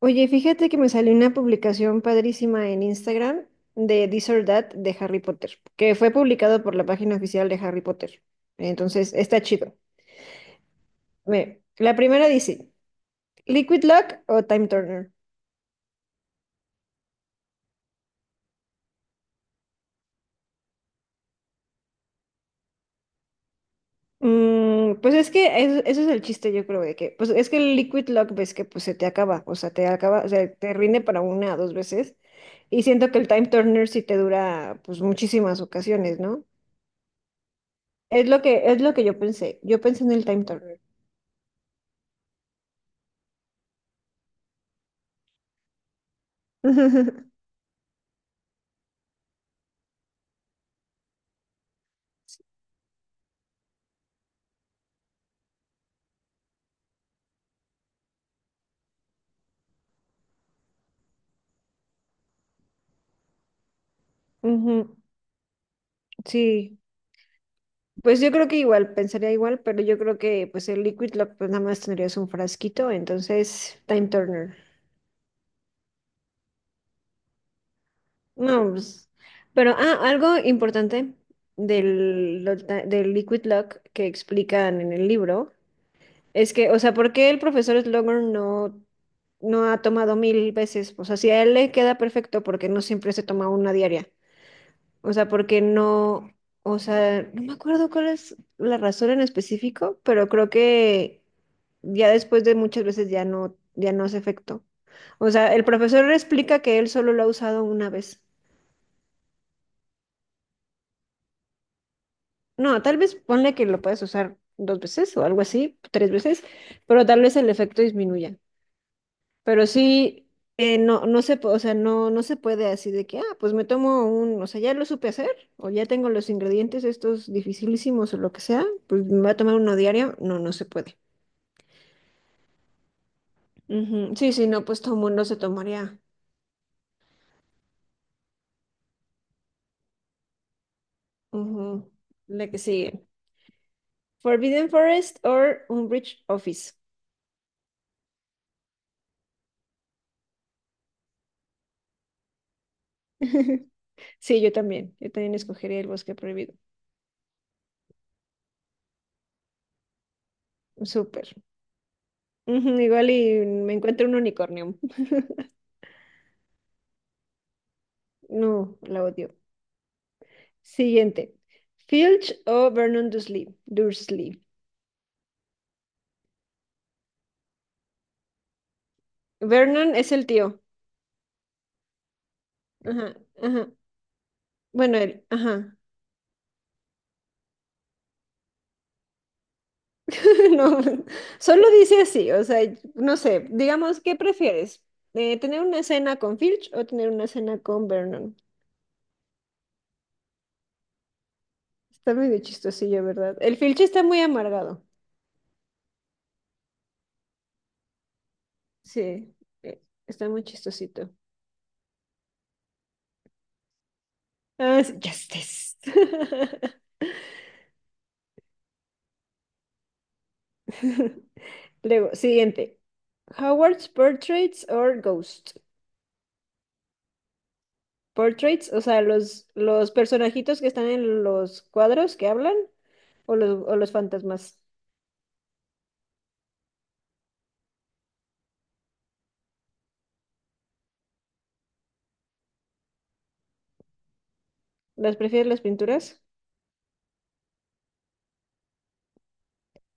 Oye, fíjate que me salió una publicación padrísima en Instagram de This or That de Harry Potter, que fue publicado por la página oficial de Harry Potter. Entonces, está chido. Ve, la primera dice, ¿Liquid Luck o Time Turner? Pues es que eso es el chiste, yo creo, de que, pues es que el Liquid Luck ves que pues se te acaba, o sea, te acaba, o sea, te rinde para una o dos veces. Y siento que el Time Turner sí te dura pues muchísimas ocasiones, ¿no? Es lo que yo pensé. Yo pensé en el Time Turner. Ujú. Sí, pues yo creo que igual, pensaría igual, pero yo creo que pues el Liquid Lock pues nada más tendrías un frasquito, entonces Time Turner. No, pues, pero algo importante del Liquid Lock que explican en el libro es que, o sea, ¿por qué el profesor Slughorn no, no ha tomado mil veces? O sea, si a él le queda perfecto, ¿porque no siempre se toma una diaria? O sea, porque no, o sea, no me acuerdo cuál es la razón en específico, pero creo que ya después de muchas veces ya no hace efecto. O sea, el profesor explica que él solo lo ha usado una vez. No, tal vez ponle que lo puedes usar dos veces o algo así, tres veces, pero tal vez el efecto disminuya. Pero sí, no, no se, po- o sea, no se puede así de que, pues o sea, ya lo supe hacer, o ya tengo los ingredientes estos dificilísimos o lo que sea, pues me voy a tomar uno diario. No, no se puede. Ujú. Sí, sí, no, pues todo mundo se tomaría. Ujú. La que sigue. Forbidden Forest or Umbridge Office. Sí, yo también. Yo también escogería el bosque prohibido. Súper. Ujú, igual y me encuentro un unicornio. No, la odio. Siguiente. Filch o Vernon Dursley. Dursley. Vernon es el tío. Ajá, ajá. Bueno, él, ajá. No, solo dice así, o sea, no sé, digamos, ¿qué prefieres? ¿Tener una cena con Filch o tener una cena con Vernon? Está medio chistosillo, ¿verdad? El Filch está muy amargado. Sí, eh, está muy chistosito. Ah, sí, justice. Luego, siguiente. Howard's Portraits or Ghost. Portraits, o sea, los personajitos que están en los cuadros que hablan o los fantasmas. ¿Las prefieres las pinturas?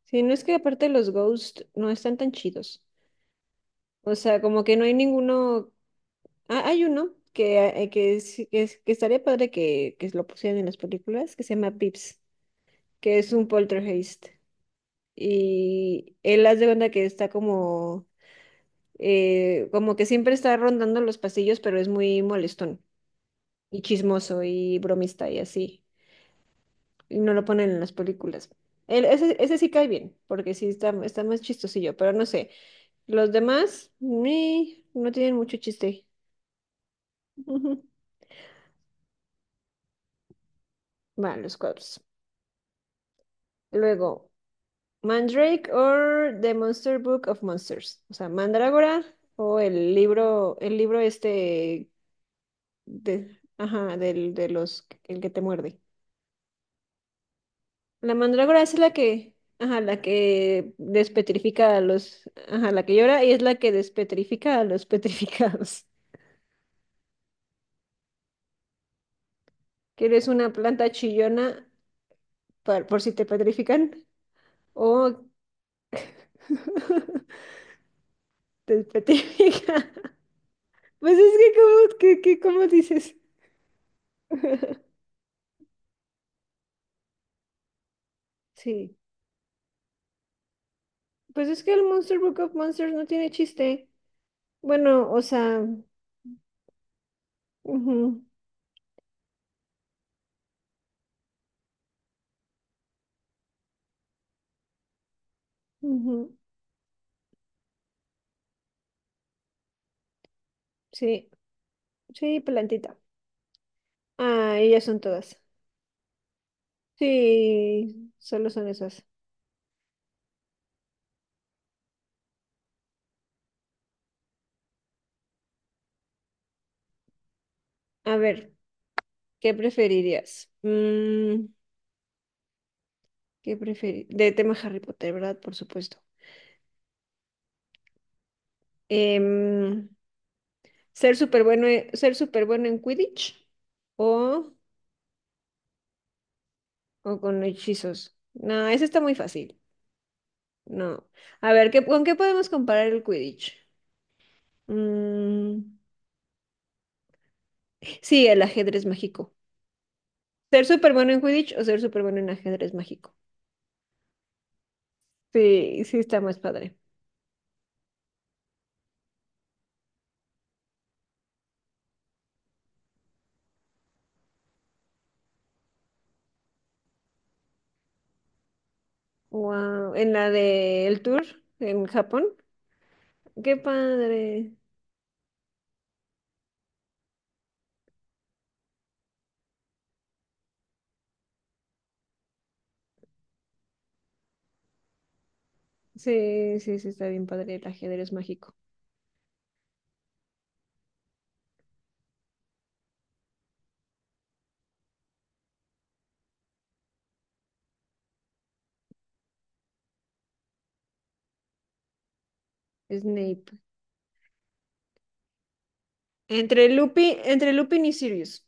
Sí, no es que aparte los ghosts no están tan chidos. O sea, como que no hay ninguno. Ah, hay uno que estaría padre que lo pusieran en las películas, que se llama Pips, que es un poltergeist. Y él hace de cuenta que está como que siempre está rondando los pasillos, pero es muy molestón. Y chismoso y bromista y así. Y no lo ponen en las películas. Ese sí cae bien, porque sí está más chistosillo, pero no sé. Los demás, ni, no tienen mucho chiste. Ujú. Van los cuadros. Luego, Mandrake or The Monster Book of Monsters. O sea, Mandrágora o el libro este de, los, el que te muerde. La mandrágora es la que, ajá, la que despetrifica a los, ajá, la que llora y es la que despetrifica a los petrificados. Que eres una planta chillona por si te petrifican o te petrifica. Pues es que que cómo dices. Sí. Pues es que el Monster Book of Monsters no tiene chiste. Bueno, o sea, ujú, ujú. Sí, sí, plantita. Ah, ellas son todas. Sí, solo son esas. A ver, ¿qué preferirías? Mm, ¿qué preferir? De tema Harry Potter, ¿verdad? Por supuesto. Em, ¿ser súper bueno en Quidditch o, o con hechizos? No, eso está muy fácil. No. A ver, ¿con qué podemos comparar el Quidditch? Mm, sí, el ajedrez mágico. ¿Ser súper bueno en Quidditch o ser súper bueno en ajedrez mágico? Sí, sí está más padre. Wow, en la del tour en Japón. Qué padre. Sí, sí, sí, está bien padre el ajedrez mágico. Snape. Entre Lupin y Sirius.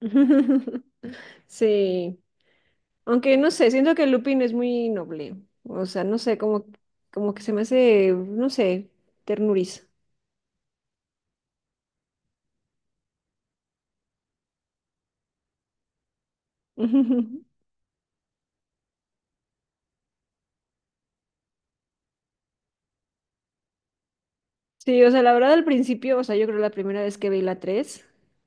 Sí. Aunque no sé, siento que Lupin es muy noble. O sea, no sé, como que se me hace, no sé, ternuriza. Sí, o sea, la verdad al principio, o sea, yo creo la primera vez que vi la 3,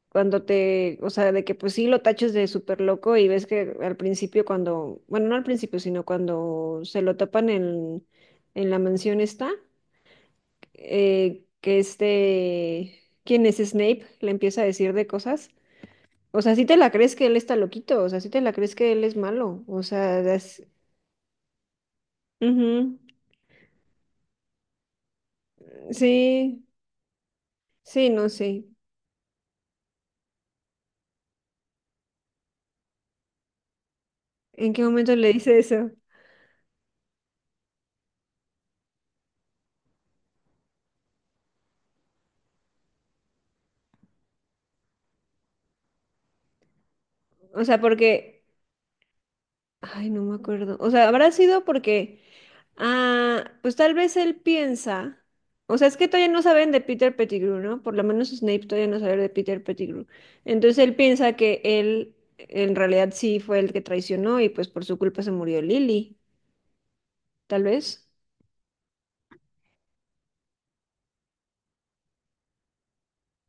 o sea, de que pues sí lo taches de súper loco y ves que al principio cuando, bueno, no al principio, sino cuando se lo tapan en la mansión esta, eh, que este, ¿quién es Snape? Le empieza a decir de cosas. O sea, sí te la crees que él está loquito, o sea, sí te la crees que él es malo, o sea, das- Ujú. Sí, sí, no sé. ¿En qué momento le dice eso? O sea, porque... Ay, no me acuerdo. O sea, habrá sido porque, ah, pues tal vez él piensa, o sea, es que todavía no saben de Peter Pettigrew, ¿no? Por lo menos Snape todavía no sabe de Peter Pettigrew. Entonces él piensa que él en realidad sí fue el que traicionó y pues por su culpa se murió Lily, tal vez.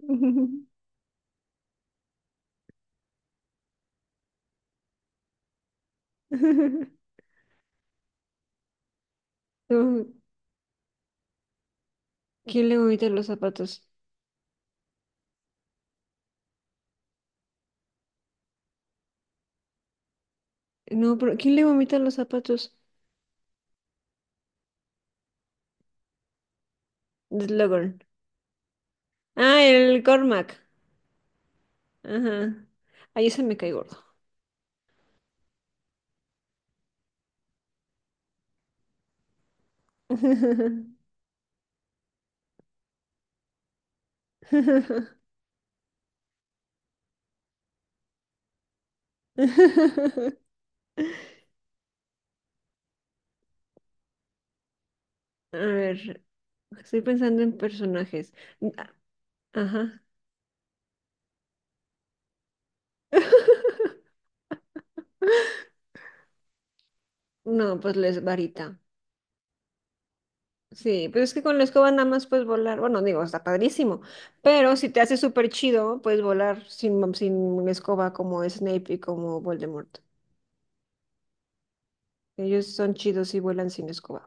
No, ¿quién le vomita los zapatos? No, pero ¿quién le vomita los zapatos? Slughorn. Ah, el Cormac. Ajá. Ahí se me cae gordo. A ver, estoy pensando en personajes. Ah, ajá. No, pues la varita. Sí, pero es que con la escoba nada más puedes volar. Bueno, digo, está padrísimo. Pero si te hace súper chido, puedes volar sin, sin escoba como Snape y como Voldemort. Ellos son chidos y vuelan sin escoba.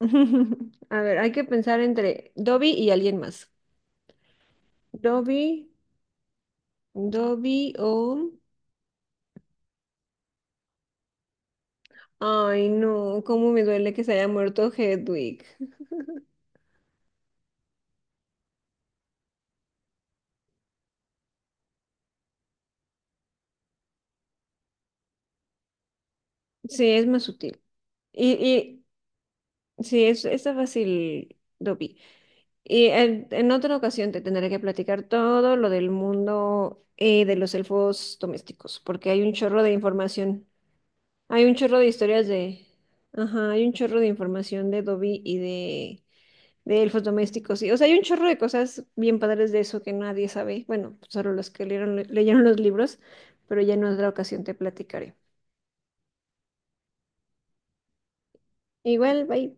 A ver, hay que pensar entre Dobby y alguien más. Dobby, Dobby o... Ay, no, cómo me duele que se haya muerto Hedwig. Sí, es más sutil. Y sí, está fácil, Dobby. Y en otra ocasión te tendré que platicar todo lo del mundo de los elfos domésticos, porque hay un chorro de información. Hay un chorro de historias de... Ajá, hay un chorro de información de Dobby de elfos domésticos. Y, o sea, hay un chorro de cosas bien padres de eso que nadie sabe. Bueno, solo los que leyeron los libros pero ya en otra ocasión te platicaré. Igual, bye.